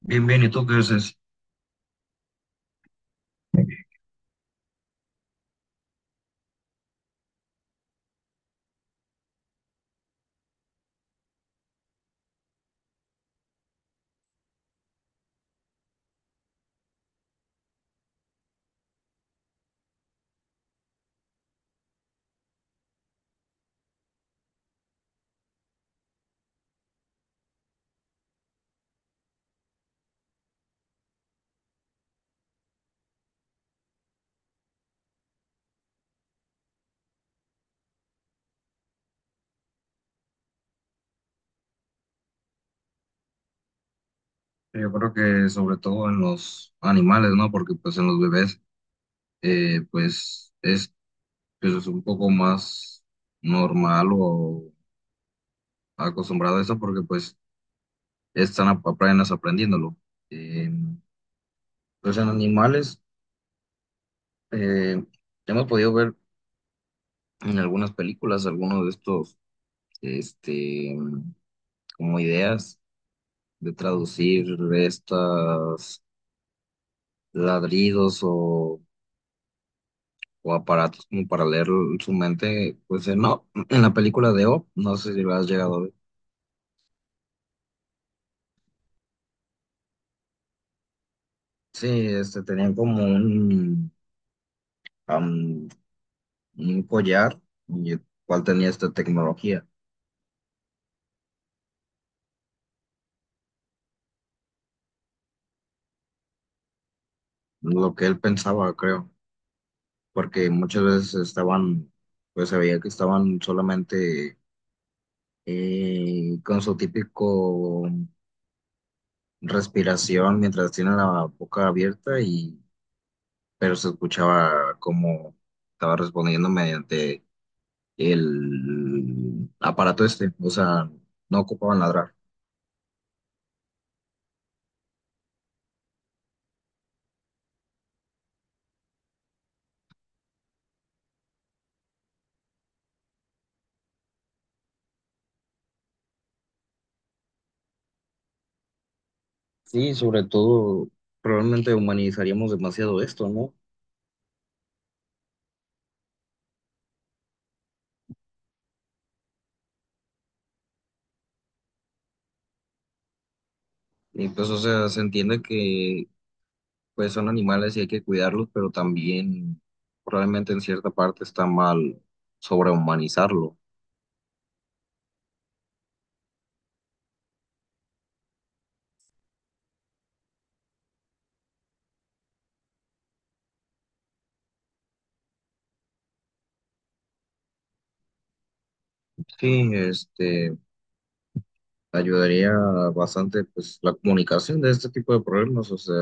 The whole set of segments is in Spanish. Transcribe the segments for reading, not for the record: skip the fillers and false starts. Bien, bien, ¿y tú qué dices? Yo creo que sobre todo en los animales, ¿no? Porque pues en los bebés, eh, pues es, pues, es un poco más normal o acostumbrado a eso porque pues están apenas aprendiéndolo. Eh, pues en animales, eh, hemos podido ver en algunas películas algunos de estos, este, como ideas de traducir estas ladridos o aparatos como para leer su mente, pues no, en la película de O, no sé si lo has llegado a ver. Sí, este, tenían como am, un collar y el cual tenía esta tecnología, lo que él pensaba, creo, porque muchas veces estaban, pues se veía que estaban solamente con su típico respiración mientras tienen la boca abierta y, pero se escuchaba como estaba respondiendo mediante el aparato este, o sea, no ocupaban ladrar. Sí, sobre todo, probablemente humanizaríamos demasiado esto, ¿no? Y pues, o sea, se entiende que pues son animales y hay que cuidarlos, pero también probablemente en cierta parte está mal sobrehumanizarlo. Sí, este, ayudaría bastante pues la comunicación de este tipo de problemas, o sea,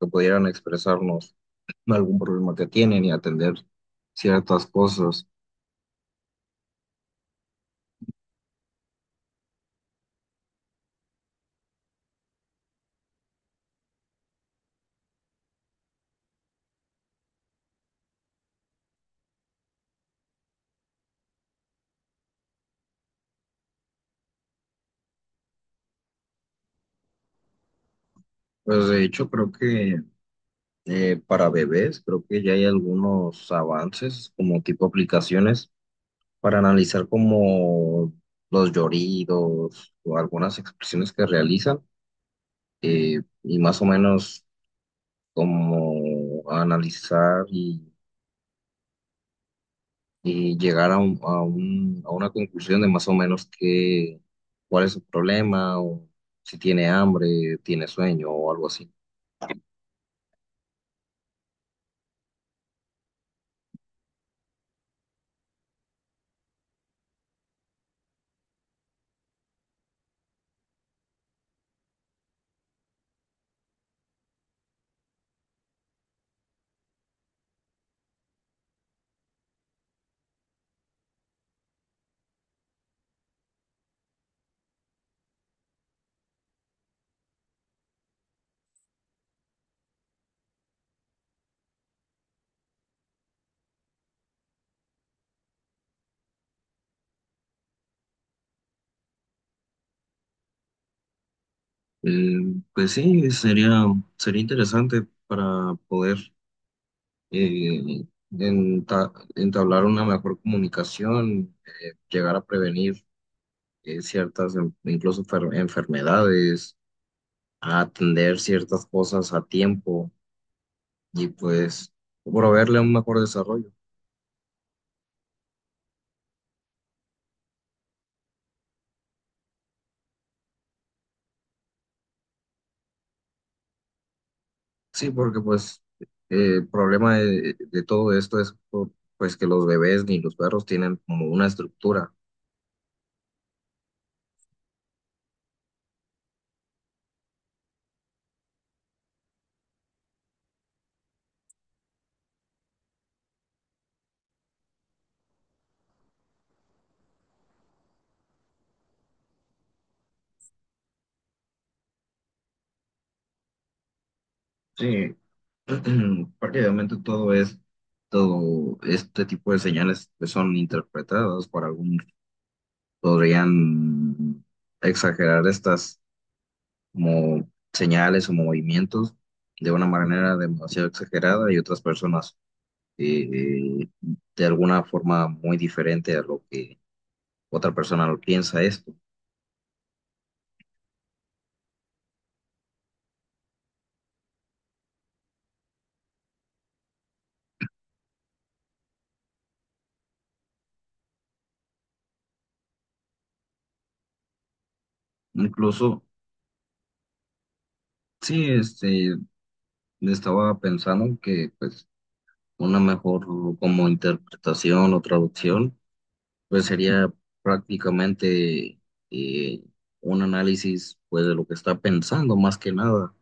que pudieran expresarnos algún problema que tienen y atender ciertas cosas. Pues de hecho creo que para bebés creo que ya hay algunos avances como tipo aplicaciones para analizar como los lloridos o algunas expresiones que realizan y más o menos como analizar y llegar a una conclusión de más o menos qué, cuál es su problema o si tiene hambre, tiene sueño o algo así. Eh, pues sí, sería, sería interesante para poder eh, entablar una mejor comunicación, llegar a prevenir ciertas, incluso enfermedades, a atender ciertas cosas a tiempo y pues proveerle un mejor desarrollo. Sí, porque pues el problema de todo esto es pues que los bebés ni los perros tienen como una estructura. Sí, porque todo es, todo este tipo de señales que son interpretadas por algunos, podrían exagerar estas como señales o movimientos de una manera demasiado exagerada y otras personas eh, de alguna forma muy diferente a lo que otra persona lo piensa esto. Incluso, sí, este, estaba pensando que pues una mejor como interpretación o traducción pues sería prácticamente eh, un análisis pues de lo que está pensando más que nada.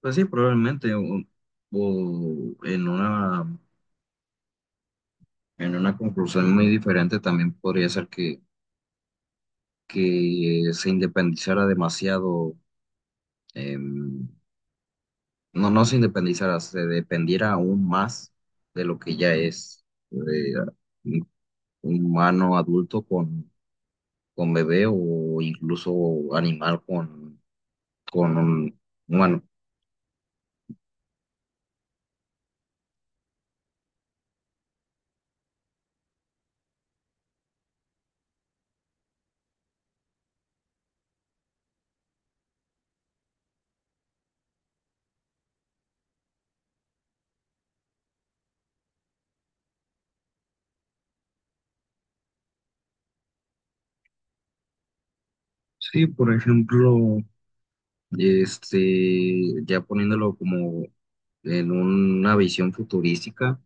Pues sí, probablemente o en una conclusión muy diferente también podría ser que se independizara demasiado, em, no, no se independizara, se dependiera aún más de lo que ya es eh, un humano adulto con bebé o incluso animal con un humano. Sí, por ejemplo, este, ya poniéndolo como en una visión futurística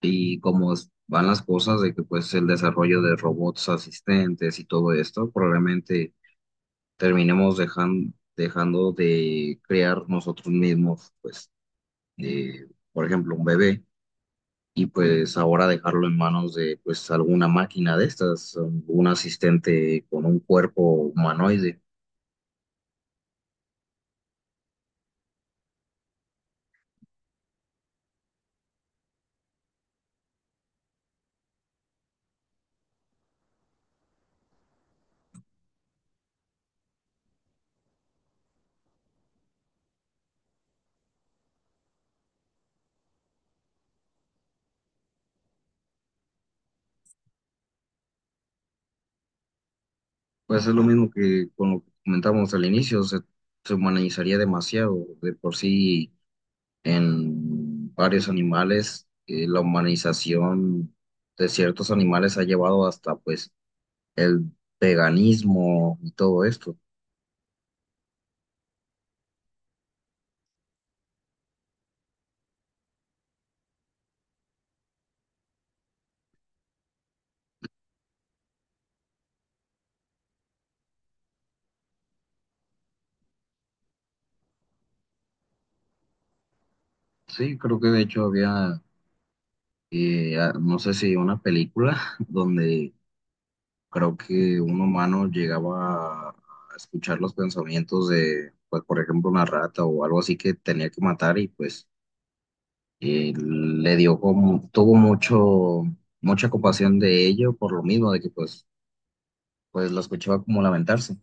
y cómo van las cosas de que pues el desarrollo de robots asistentes y todo esto, probablemente terminemos dejando de crear nosotros mismos, pues, eh, por ejemplo, un bebé y pues ahora dejarlo en manos de pues alguna máquina de estas, un asistente con un cuerpo humanoide. Pues es lo mismo que con lo que comentábamos al inicio, se humanizaría demasiado. De por sí, en varios animales, la humanización de ciertos animales ha llevado hasta pues el veganismo y todo esto. Sí, creo que de hecho había, no sé si una película donde creo que un humano llegaba a escuchar los pensamientos de, pues por ejemplo, una rata o algo así que tenía que matar y pues le dio como, tuvo mucho, mucha compasión de ello por lo mismo, de que pues, pues lo escuchaba como lamentarse.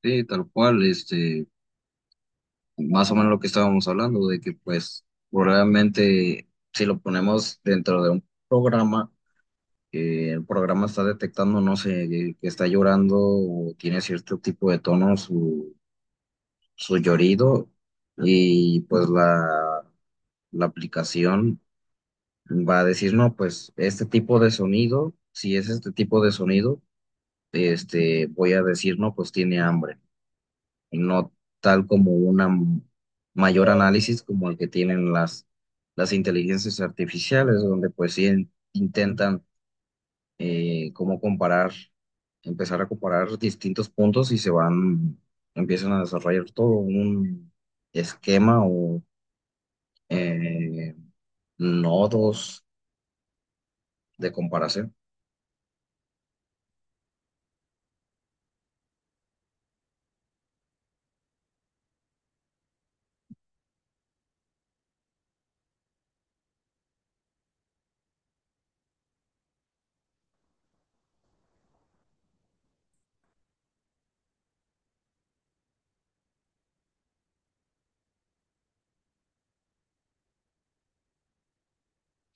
Sí, tal cual, este, más o menos lo que estábamos hablando, de que pues probablemente si lo ponemos dentro de un programa, que el programa está detectando, no sé, que está llorando o tiene cierto tipo de tono su, su llorido y pues la aplicación va a decir, no, pues este tipo de sonido, si es este tipo de sonido, este, voy a decir, no, pues tiene hambre, y no tal como una mayor análisis como el que tienen las inteligencias artificiales, donde pues sí intentan como comparar, empezar a comparar distintos puntos y se van, empiezan a desarrollar todo un esquema o eh, nodos de comparación.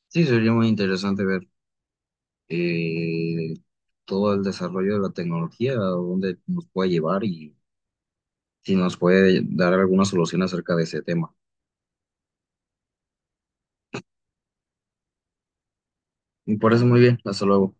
Sí, sería muy interesante ver eh, todo el desarrollo de la tecnología, a dónde nos puede llevar y si nos puede dar alguna solución acerca de ese tema. Y por eso muy bien, hasta luego.